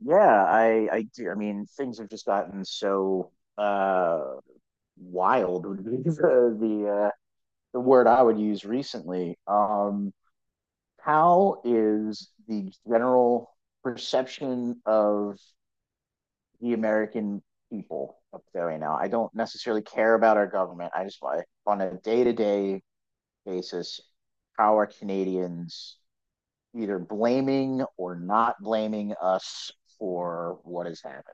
Yeah, I do. I mean, things have just gotten so wild would be the the word I would use recently. How is the general perception of the American people up there right now? I don't necessarily care about our government. I just want, on a day-to-day basis, how are Canadians either blaming or not blaming us for what has happened?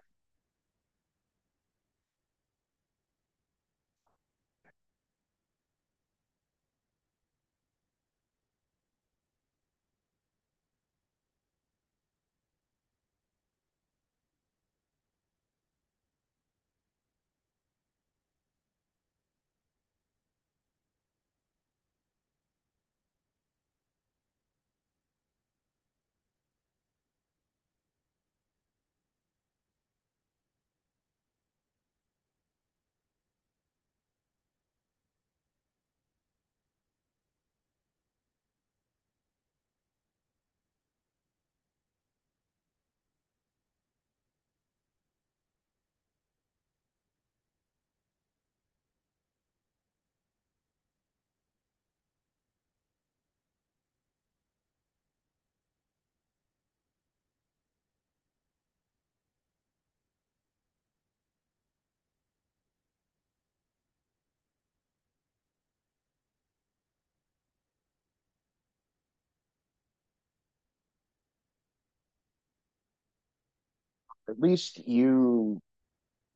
At least you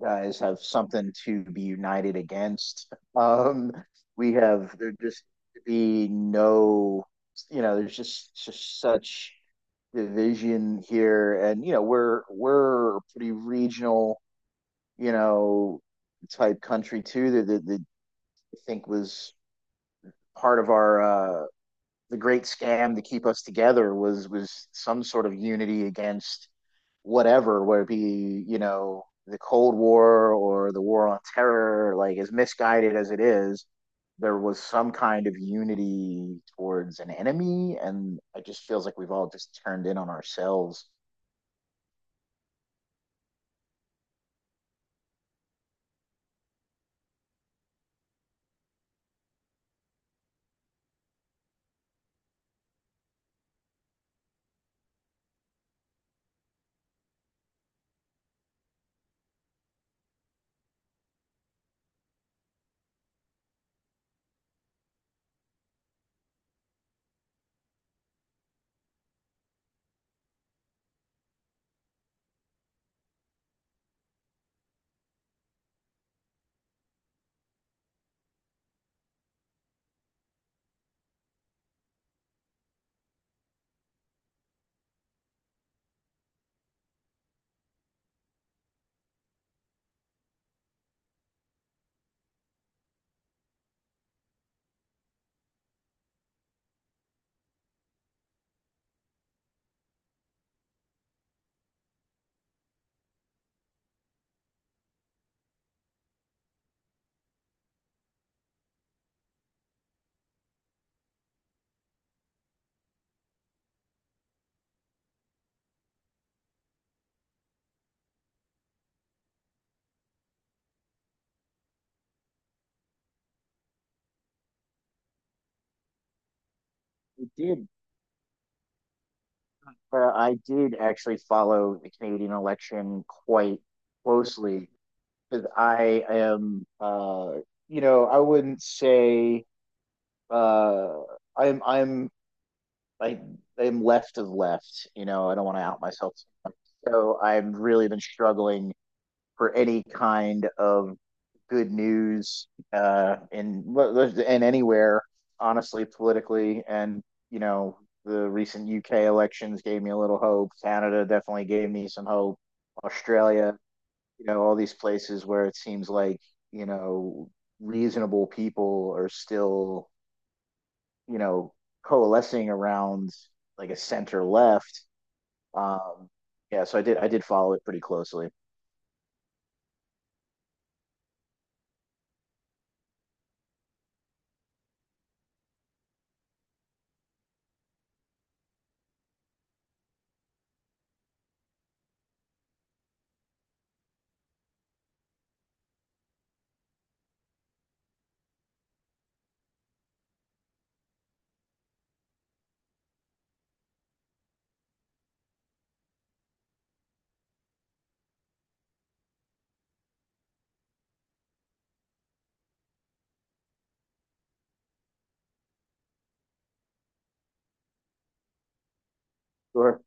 guys have something to be united against. We have, there just be no, you know, there's just such division here, and you know we're a pretty regional, you know, type country too. That I think was part of our the great scam to keep us together was some sort of unity against whatever, whether it be, you know, the Cold War or the War on Terror. Like as misguided as it is, there was some kind of unity towards an enemy. And it just feels like we've all just turned in on ourselves. It did, but I did actually follow the Canadian election quite closely, because I am, you know, I wouldn't say. Uh, I'm I'm I am left of left. You know, I don't want to out myself. So I've really been struggling for any kind of good news, in and anywhere, honestly, politically. And you know, the recent UK elections gave me a little hope. Canada definitely gave me some hope. Australia, you know, all these places where it seems like, you know, reasonable people are still, you know, coalescing around like a center left. Um, yeah, so I did follow it pretty closely. Sure.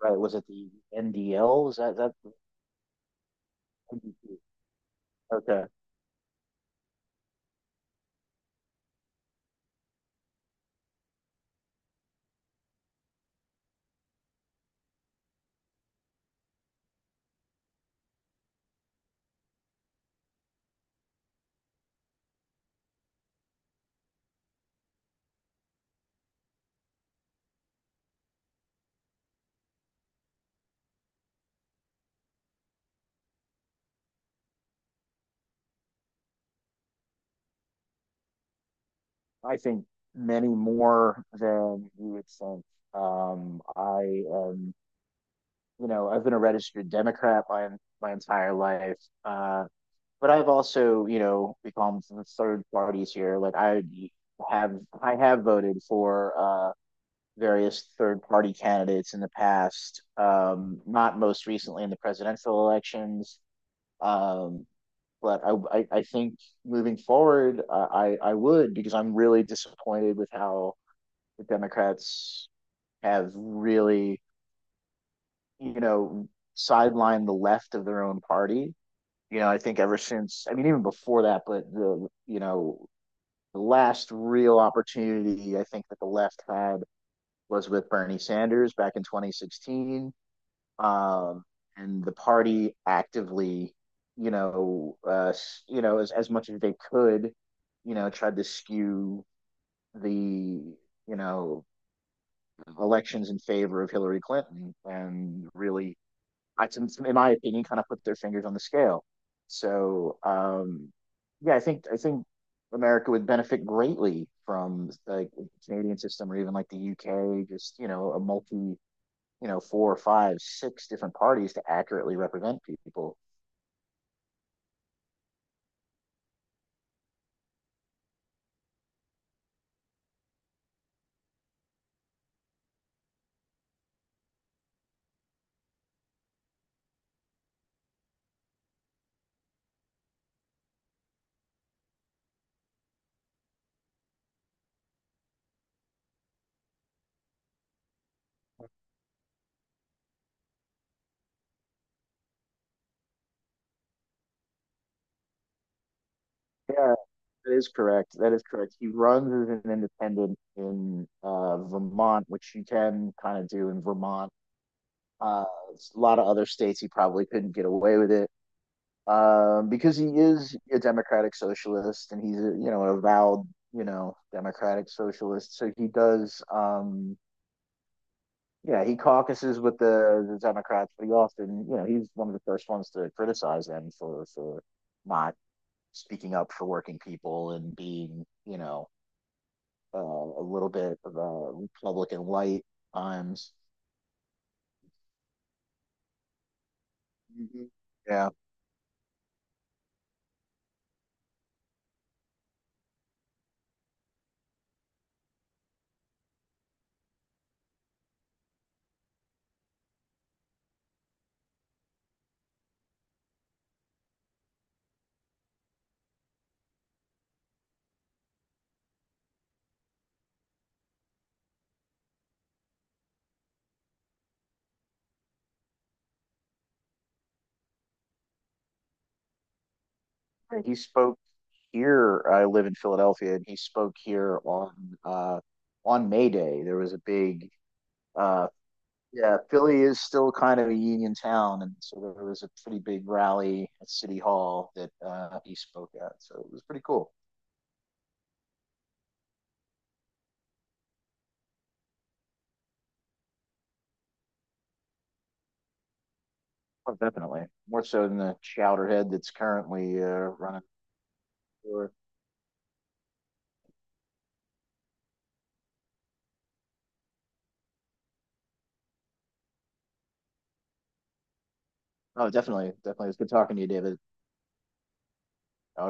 Right. Was it the NDL? Was that that? Okay. I think many more than you would think. I am, you know, I've been a registered Democrat my entire life. Uh, but I've also, you know, become from third parties here. Like have I have voted for various third party candidates in the past, not most recently in the presidential elections. Um, but I think moving forward, I would, because I'm really disappointed with how the Democrats have really, you know, sidelined the left of their own party. You know, I think ever since, I mean, even before that, but the, you know, the last real opportunity I think that the left had was with Bernie Sanders back in 2016. um, and the party actively, you know, as much as they could, you know, tried to skew the, you know, elections in favor of Hillary Clinton. And really, I, in my opinion, kind of put their fingers on the scale. So, yeah, I think America would benefit greatly from like the Canadian system, or even like the UK. Just you know, a multi, you know, 4 or 5, 6 different parties to accurately represent people. Yeah, that is correct. That is correct. He runs as an independent in, Vermont, which you can kind of do in Vermont. A lot of other states he probably couldn't get away with it, because he is a democratic socialist, and he's a, you know, an avowed, you know, democratic socialist. So he does, yeah, he caucuses with the Democrats, but he often, you know, he's one of the first ones to criticize them for not speaking up for working people and being, you know, a little bit of a Republican light times. Mm-hmm. Yeah, he spoke here. I live in Philadelphia, and he spoke here on, uh, on May Day. There was a big uh, yeah, Philly is still kind of a union town, and so there was a pretty big rally at City Hall that, he spoke at. So it was pretty cool. Oh, definitely more so than the chowderhead that's currently, running. For... Oh, definitely, definitely. It's good talking to you, David. I